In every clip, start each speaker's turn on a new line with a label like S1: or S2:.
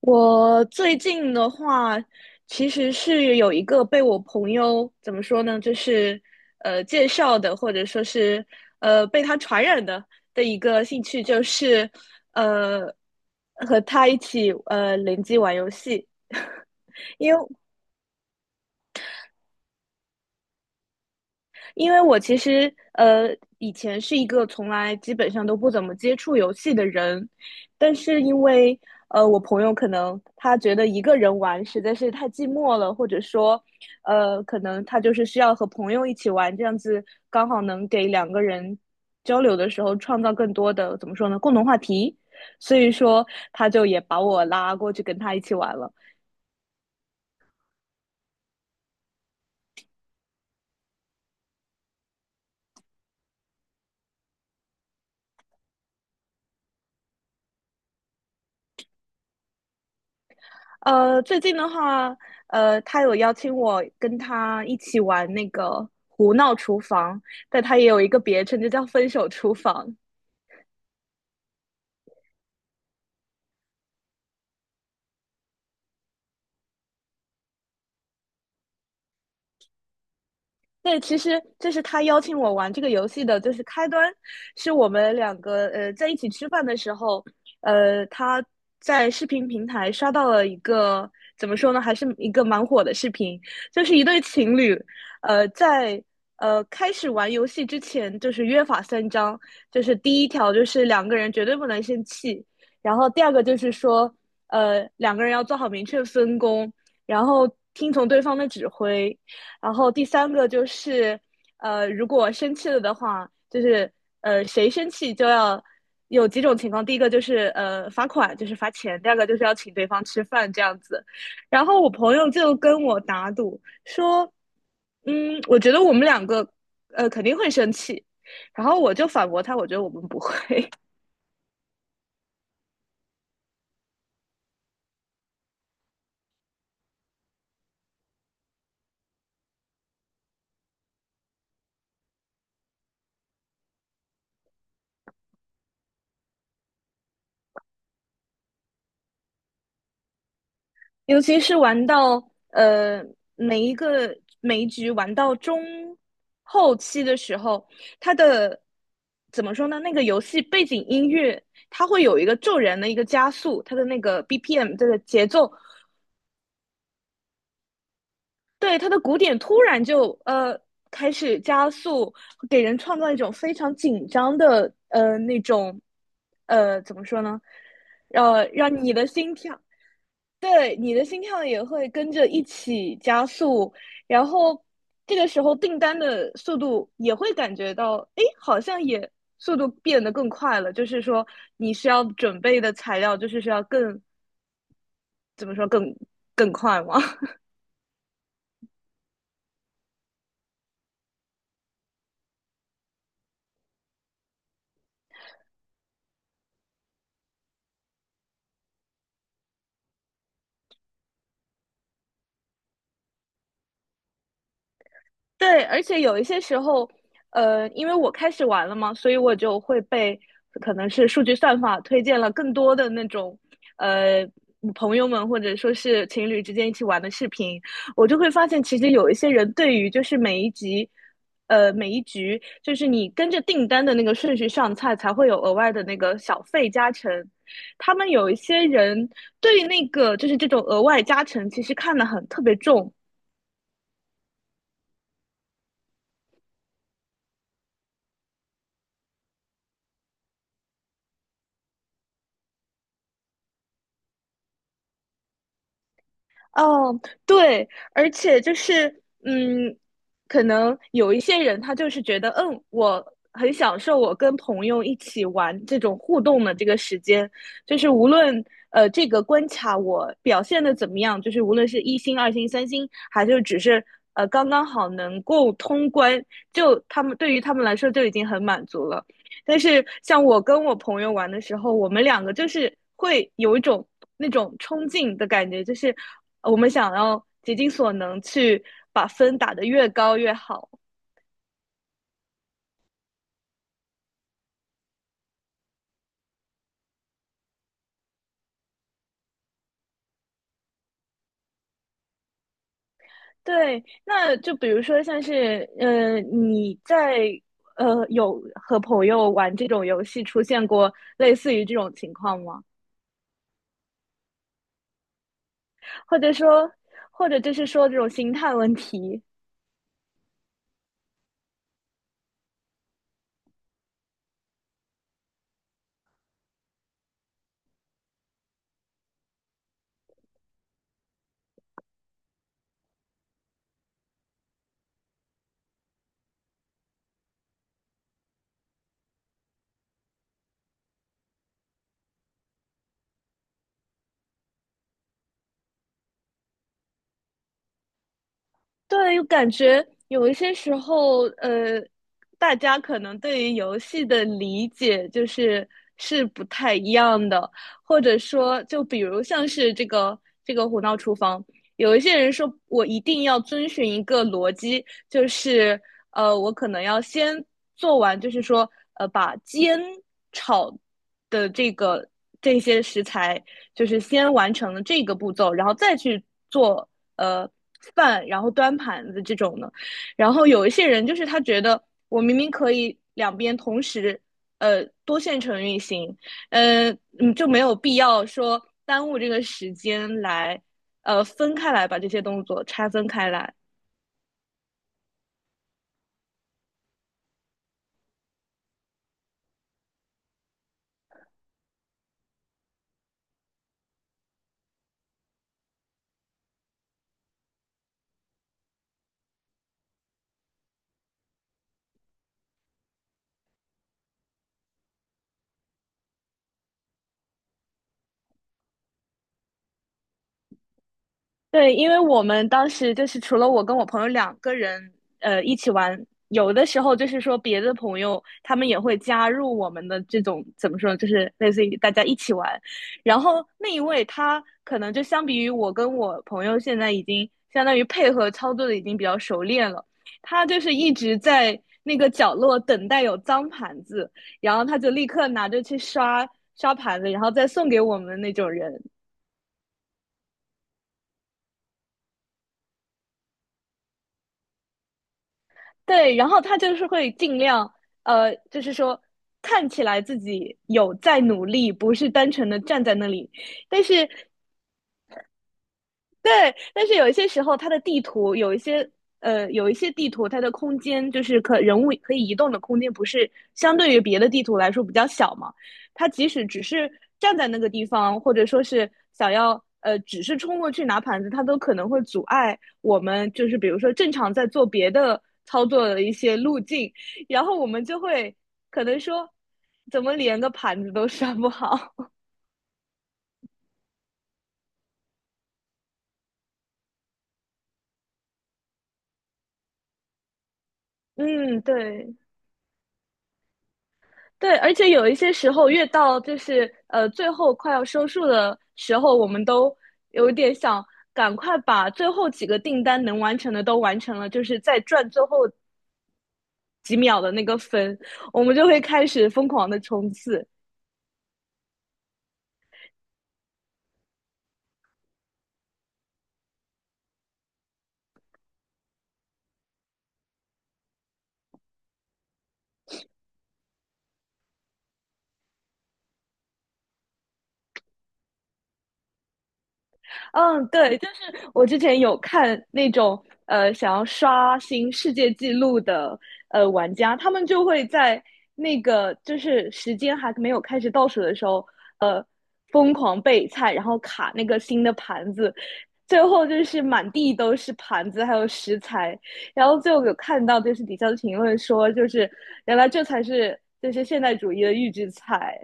S1: 我最近的话，其实是有一个被我朋友怎么说呢，就是介绍的，或者说是被他传染的的一个兴趣，就是呃和他一起联机玩游戏。因为我其实以前是一个从来基本上都不怎么接触游戏的人，但是因为我朋友可能他觉得一个人玩实在是太寂寞了，或者说可能他就是需要和朋友一起玩，这样子刚好能给两个人交流的时候创造更多的怎么说呢共同话题，所以说他就也把我拉过去跟他一起玩了。最近的话，他有邀请我跟他一起玩那个胡闹厨房，但他也有一个别称，就叫分手厨房。对，其实这是他邀请我玩这个游戏的，就是开端，是我们两个在一起吃饭的时候，呃，他在视频平台刷到了一个怎么说呢，还是一个蛮火的视频，就是一对情侣，在开始玩游戏之前，就是约法三章，就是第一条就是两个人绝对不能生气，然后第二个就是说，两个人要做好明确分工，然后听从对方的指挥。然后第三个就是，如果生气了的话，就是谁生气就要有几种情况。第一个就是罚款，就是罚钱；第二个就是要请对方吃饭这样子。然后我朋友就跟我打赌说，嗯，我觉得我们两个肯定会生气。然后我就反驳他，我觉得我们不会。尤其是玩到每一局玩到中后期的时候，它的怎么说呢？那个游戏背景音乐它会有一个骤然的一个加速，它的那个 BPM 这个节奏，对它的鼓点突然就开始加速，给人创造一种非常紧张的那种怎么说呢？让你的心跳对，你的心跳也会跟着一起加速，然后这个时候订单的速度也会感觉到，诶，好像也速度变得更快了。就是说，你需要准备的材料，就是需要更，怎么说，更更快吗？对，而且有一些时候，因为我开始玩了嘛，所以我就会被可能是数据算法推荐了更多的那种，呃，朋友们或者说是情侣之间一起玩的视频，我就会发现其实有一些人对于就是每一集。每一局就是你跟着订单的那个顺序上菜，才会有额外的那个小费加成。他们有一些人对那个就是这种额外加成，其实看得很特别重，哦，对，而且就是，嗯，可能有一些人他就是觉得，嗯，我很享受我跟朋友一起玩这种互动的这个时间，就是无论这个关卡我表现的怎么样，就是无论是一星、二星、三星，还是只是刚刚好能够通关，就他们对于他们来说就已经很满足了。但是像我跟我朋友玩的时候，我们两个就是会有一种那种冲劲的感觉，就是我们想要竭尽所能去把分打得越高越好。对，那就比如说像是，你在有和朋友玩这种游戏出现过类似于这种情况吗？或者说，或者就是说这种心态问题，对，感觉有一些时候，大家可能对于游戏的理解就是是不太一样的，或者说，就比如像是这个这个《胡闹厨房》，有一些人说我一定要遵循一个逻辑，就是我可能要先做完，就是说把煎炒的这个这些食材就是先完成了这个步骤，然后再去做呃饭，然后端盘子这种的。然后有一些人就是他觉得我明明可以两边同时多线程运行，呃嗯就没有必要说耽误这个时间来分开来把这些动作拆分开来。对，因为我们当时就是除了我跟我朋友两个人，一起玩，有的时候就是说别的朋友他们也会加入我们的这种怎么说，就是类似于大家一起玩。然后那一位他可能就相比于我跟我朋友现在已经相当于配合操作的已经比较熟练了，他就是一直在那个角落等待有脏盘子，然后他就立刻拿着去刷盘子，然后再送给我们的那种人。对，然后他就是会尽量，就是说看起来自己有在努力，不是单纯的站在那里。但是对，但是有一些时候，它的地图有一些有一些地图它的空间就是可人物可以移动的空间，不是相对于别的地图来说比较小嘛？它即使只是站在那个地方，或者说是想要只是冲过去拿盘子，它都可能会阻碍我们，就是比如说正常在做别的操作的一些路径，然后我们就会可能说，怎么连个盘子都刷不好？嗯，对。对，而且有一些时候，越到就是最后快要收束的时候，我们都有点想赶快把最后几个订单能完成的都完成了，就是再赚最后几秒的那个分，我们就会开始疯狂的冲刺。嗯，对，就是我之前有看那种想要刷新世界纪录的玩家，他们就会在那个就是时间还没有开始倒数的时候，呃，疯狂备菜，然后卡那个新的盘子，最后就是满地都是盘子还有食材，然后最后有看到就是底下的评论说，就是原来这才是就是现代主义的预制菜。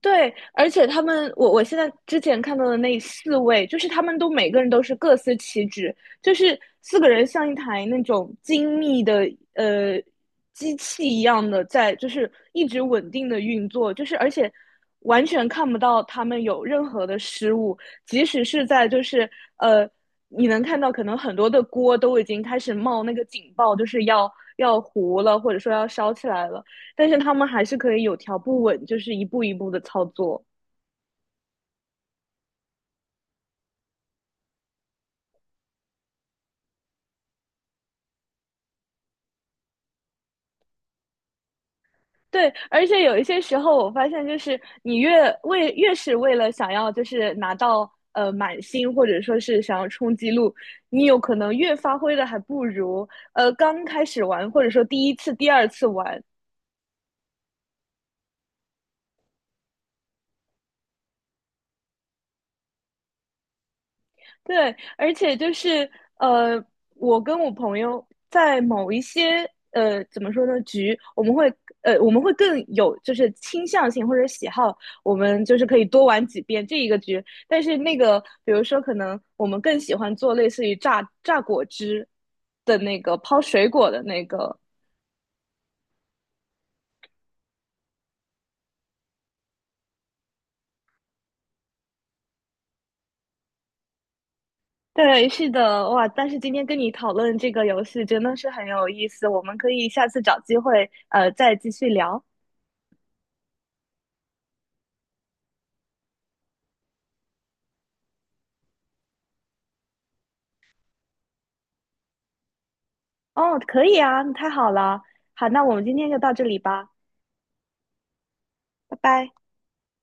S1: 对，而且他们，我现在之前看到的那四位，就是他们都每个人都是各司其职，就是四个人像一台那种精密的呃机器一样的在，就是一直稳定的运作，就是而且完全看不到他们有任何的失误，即使是在就是呃，你能看到可能很多的锅都已经开始冒那个警报，就是要糊了，或者说要烧起来了。但是他们还是可以有条不紊，就是一步一步的操作。对，而且有一些时候，我发现就是你越为越是为了想要就是拿到满星，或者说是想要冲击录，你有可能越发挥的还不如刚开始玩，或者说第一次、第二次玩，对，而且就是呃，我跟我朋友在某一些怎么说呢局，我们会我们会更有就是倾向性或者喜好，我们就是可以多玩几遍这一个局。但是那个比如说可能我们更喜欢做类似于榨果汁的那个抛水果的那个。对，是的，哇！但是今天跟你讨论这个游戏真的是很有意思，我们可以下次找机会再继续聊。哦，可以啊，那太好了。好，那我们今天就到这里吧，拜拜。